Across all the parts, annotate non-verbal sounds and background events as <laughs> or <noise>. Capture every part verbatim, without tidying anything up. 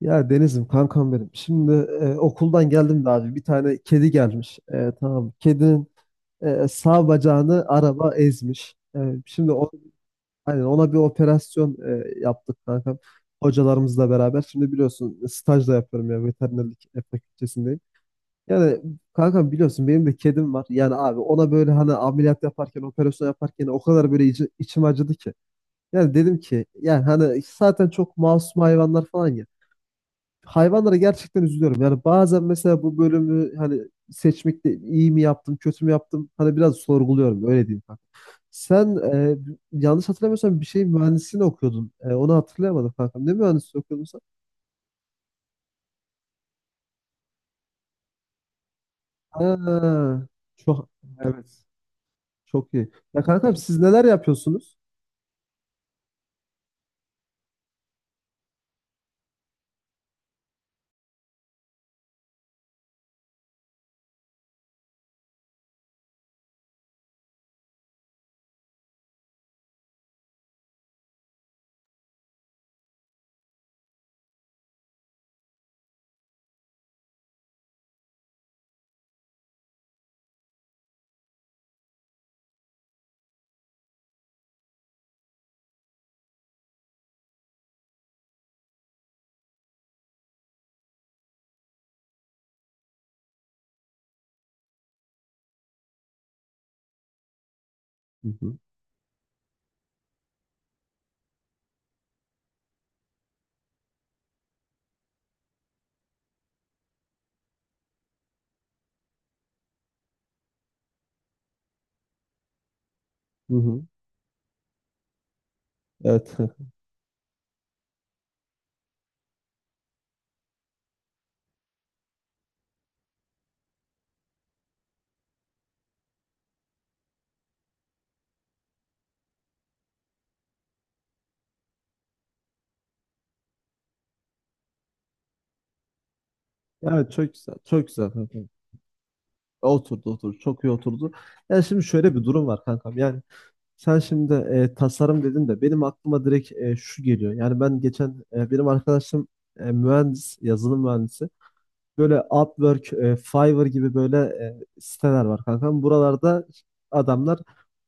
Ya Deniz'im kankam benim. Şimdi e, okuldan geldim de abi bir tane kedi gelmiş. E, tamam. Kedinin e, sağ bacağını araba ezmiş. E, şimdi o, hani ona bir operasyon e, yaptık kankam. Hocalarımızla beraber. Şimdi biliyorsun staj da yapıyorum ya veterinerlik e, fakültesindeyim. Yani kankam biliyorsun benim de kedim var. Yani abi ona böyle hani ameliyat yaparken operasyon yaparken o kadar böyle içi- içim acıdı ki. Yani dedim ki yani hani zaten çok masum hayvanlar falan ya hayvanlara gerçekten üzülüyorum. Yani bazen mesela bu bölümü hani seçmekte iyi mi yaptım, kötü mü yaptım? Hani biraz sorguluyorum öyle diyeyim kanka. Sen e, yanlış hatırlamıyorsam bir şey mühendisliğini okuyordun. E, onu hatırlayamadım kankam. Ne mühendisliği okuyordun sen? Ha, çok çok iyi. Ya kankam siz neler yapıyorsunuz? Hı hı, hı hı. Evet. <laughs> Evet, çok güzel. Çok güzel kankam. Oturdu oturdu. Çok iyi oturdu. Yani şimdi şöyle bir durum var kankam. Yani sen şimdi e, tasarım dedin de benim aklıma direkt e, şu geliyor. Yani ben geçen e, benim arkadaşım e, mühendis, yazılım mühendisi. Böyle Upwork, e, Fiverr gibi böyle e, siteler var kankam. Buralarda adamlar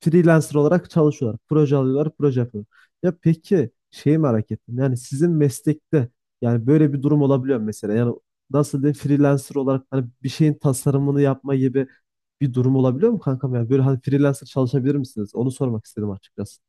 freelancer olarak çalışıyorlar. Proje alıyorlar, proje yapıyorlar. Ya peki şeyi merak ettim. Yani sizin meslekte yani böyle bir durum olabiliyor mu mesela. Yani nasıl diyeyim, freelancer olarak hani bir şeyin tasarımını yapma gibi bir durum olabiliyor mu kankam? Yani böyle hani freelancer çalışabilir misiniz? Onu sormak istedim açıkçası.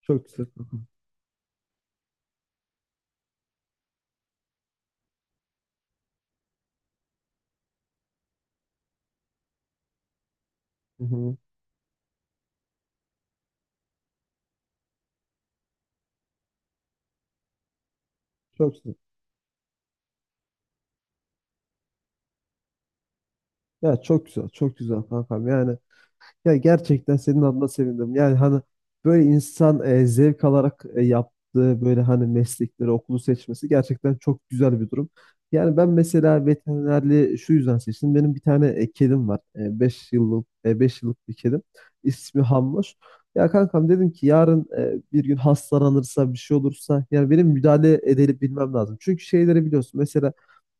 Çok güzel, kankam. Hı hı. Çok güzel. Ya çok güzel, çok güzel kankam. Yani ya gerçekten senin adına sevindim. Yani hani böyle insan e, zevk alarak e, yaptığı böyle hani meslekleri, okulu seçmesi gerçekten çok güzel bir durum. Yani ben mesela veterinerliği şu yüzden seçtim. Benim bir tane e, kedim var. E, beş yıllık e, beş yıllık bir kedim. İsmi Hamur. Ya kankam dedim ki yarın e, bir gün hastalanırsa bir şey olursa yani benim müdahale edebilmem lazım. Çünkü şeyleri biliyorsun. Mesela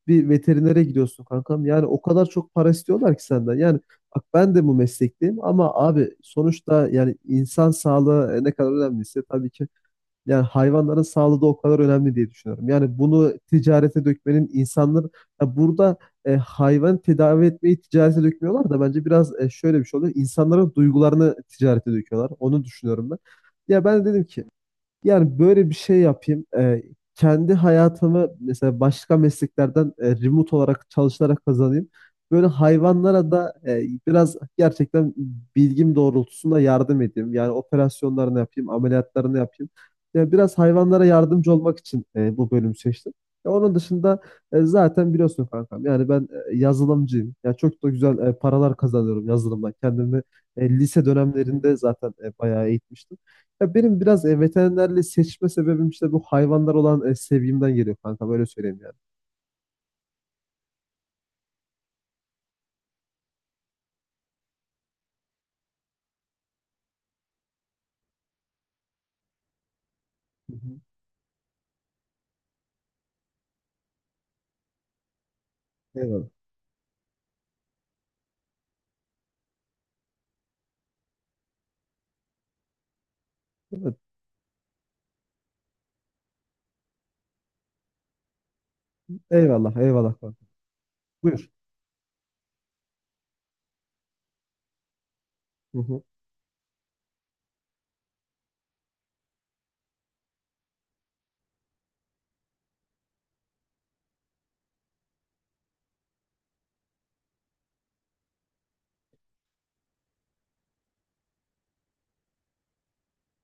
bir veterinere gidiyorsun kankam. Yani o kadar çok para istiyorlar ki senden. Yani bak, ben de bu meslekteyim ama abi sonuçta yani insan sağlığı e, ne kadar önemliyse tabii ki yani hayvanların sağlığı da o kadar önemli diye düşünüyorum. Yani bunu ticarete dökmenin insanlar ya burada e, hayvan tedavi etmeyi ticarete dökmüyorlar da bence biraz e, şöyle bir şey oluyor. İnsanların duygularını ticarete döküyorlar. Onu düşünüyorum ben. Ya ben de dedim ki yani böyle bir şey yapayım. Ee, kendi hayatımı mesela başka mesleklerden e, remote olarak çalışarak kazanayım. Böyle hayvanlara da e, biraz gerçekten bilgim doğrultusunda yardım edeyim. Yani operasyonlarını yapayım, ameliyatlarını yapayım. Yani biraz hayvanlara yardımcı olmak için e, bu bölümü seçtim. Ya onun dışında e, zaten biliyorsun kankam. Yani ben e, yazılımcıyım. Ya çok da güzel e, paralar kazanıyorum yazılımdan. Kendimi e, lise dönemlerinde zaten e, bayağı eğitmiştim. Ya benim biraz e, veterinerliği seçme sebebim işte bu hayvanlar olan e, sevgimden geliyor kanka, böyle söyleyeyim yani. Hı hı. Eyvallah. Evet. Eyvallah, eyvallah kanka. Buyur. Hı hı.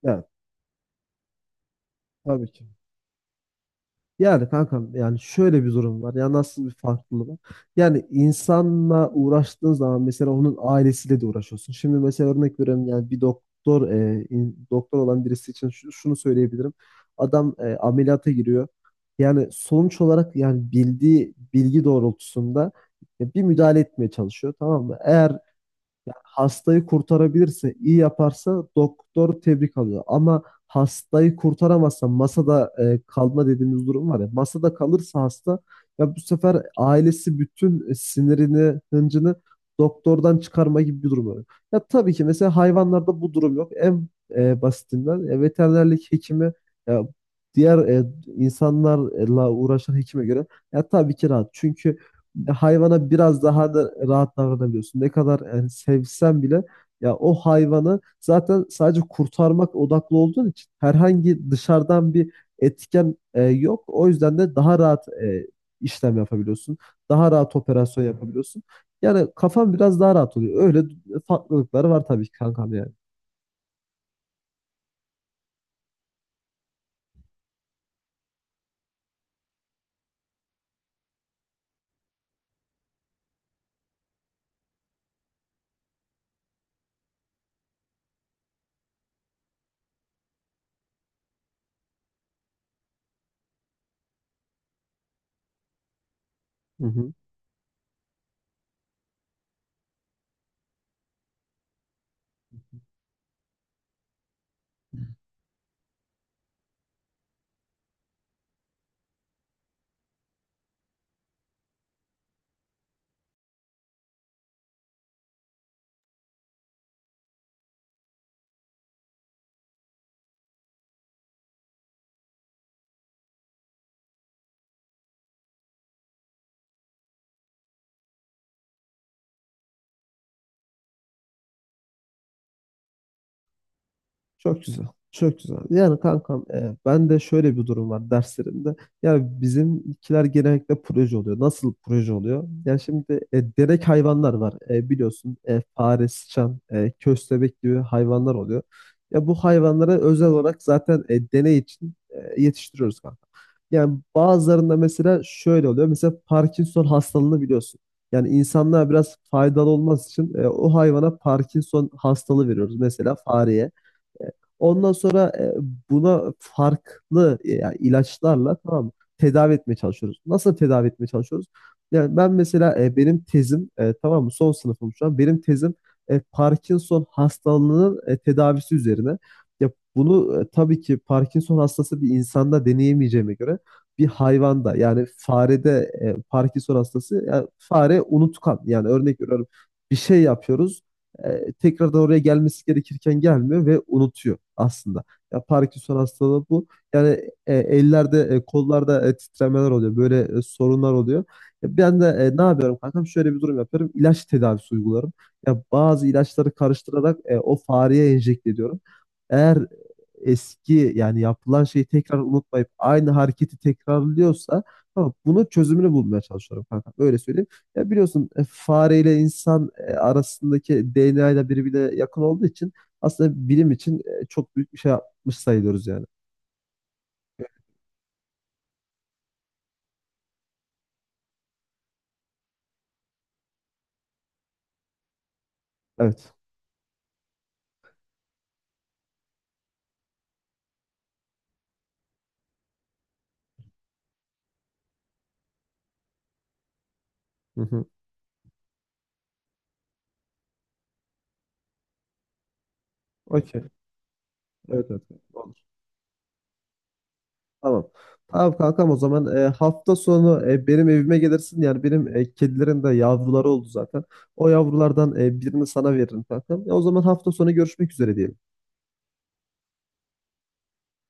Yani tabii ki. Yani kankam yani şöyle bir durum var. Ya nasıl bir farklılığı var? Yani insanla uğraştığın zaman mesela onun ailesiyle de uğraşıyorsun. Şimdi mesela örnek veriyorum, yani bir doktor e, in- doktor olan birisi için şu- şunu söyleyebilirim. Adam e, ameliyata giriyor. Yani sonuç olarak yani bildiği bilgi doğrultusunda e, bir müdahale etmeye çalışıyor, tamam mı? Eğer yani hastayı kurtarabilirse, iyi yaparsa doktor tebrik alıyor. Ama hastayı kurtaramazsa masada e, kalma dediğimiz durum var ya. Masada kalırsa hasta, ya bu sefer ailesi bütün sinirini, hıncını doktordan çıkarma gibi bir durum oluyor. Ya tabii ki mesela hayvanlarda bu durum yok. En e, basitinden e, veterinerlik hekimi ya diğer e, insanlarla uğraşan hekime göre ya tabii ki rahat. Çünkü hayvana biraz daha da rahat davranabiliyorsun. Ne kadar yani sevsen bile ya o hayvanı zaten sadece kurtarmak odaklı olduğun için herhangi dışarıdan bir etken e, yok. O yüzden de daha rahat e, işlem yapabiliyorsun. Daha rahat operasyon yapabiliyorsun. Yani kafan biraz daha rahat oluyor. Öyle farklılıkları var tabii ki kankam yani. Hı hı. Çok güzel. Çok güzel. Yani kankam e, ben de şöyle bir durum var derslerimde. Yani bizimkiler genellikle proje oluyor. Nasıl proje oluyor? Yani şimdi e, derek hayvanlar var. E, biliyorsun e, fare, sıçan, e, köstebek gibi hayvanlar oluyor. Ya bu hayvanları özel olarak zaten e, deney için e, yetiştiriyoruz kanka. Yani bazılarında mesela şöyle oluyor. Mesela Parkinson hastalığını biliyorsun. Yani insanlığa biraz faydalı olması için e, o hayvana Parkinson hastalığı veriyoruz. Mesela fareye. Ondan sonra e, buna farklı e, yani ilaçlarla, tamam mı, tedavi etmeye çalışıyoruz. Nasıl tedavi etmeye çalışıyoruz? Yani ben mesela e, benim tezim, e, tamam mı, son sınıfım şu an. Benim tezim e, Parkinson hastalığının e, tedavisi üzerine. Ya bunu e, tabii ki Parkinson hastası bir insanda deneyemeyeceğime göre bir hayvanda, yani farede e, Parkinson hastası, yani fare unutkan, yani örnek veriyorum, bir şey yapıyoruz e, tekrardan oraya gelmesi gerekirken gelmiyor ve unutuyor aslında. Ya Parkinson hastalığı bu. Yani e, ellerde, e, kollarda, e, titremeler oluyor. Böyle e, sorunlar oluyor. Ya ben de e, ne yapıyorum kankam? Şöyle bir durum yapıyorum. İlaç tedavisi uygularım. Ya bazı ilaçları karıştırarak e, o fareye enjekte ediyorum. Eğer eski yani yapılan şeyi tekrar unutmayıp aynı hareketi tekrarlıyorsa tamam, bunun çözümünü bulmaya çalışıyorum kankam. Öyle söyleyeyim. Ya biliyorsun e, fareyle insan e, arasındaki D N A ile birbirine yakın olduğu için aslında bilim için e, çok büyük bir şey yapmış sayılıyoruz yani. Evet. Hı hı. Okey. Evet, evet. Olur. Tamam. Tamam kankam, o zaman e, hafta sonu e, benim evime gelirsin. Yani benim e, kedilerin de yavruları oldu zaten. O yavrulardan e, birini sana veririm kankam. Ya o zaman hafta sonu görüşmek üzere diyelim.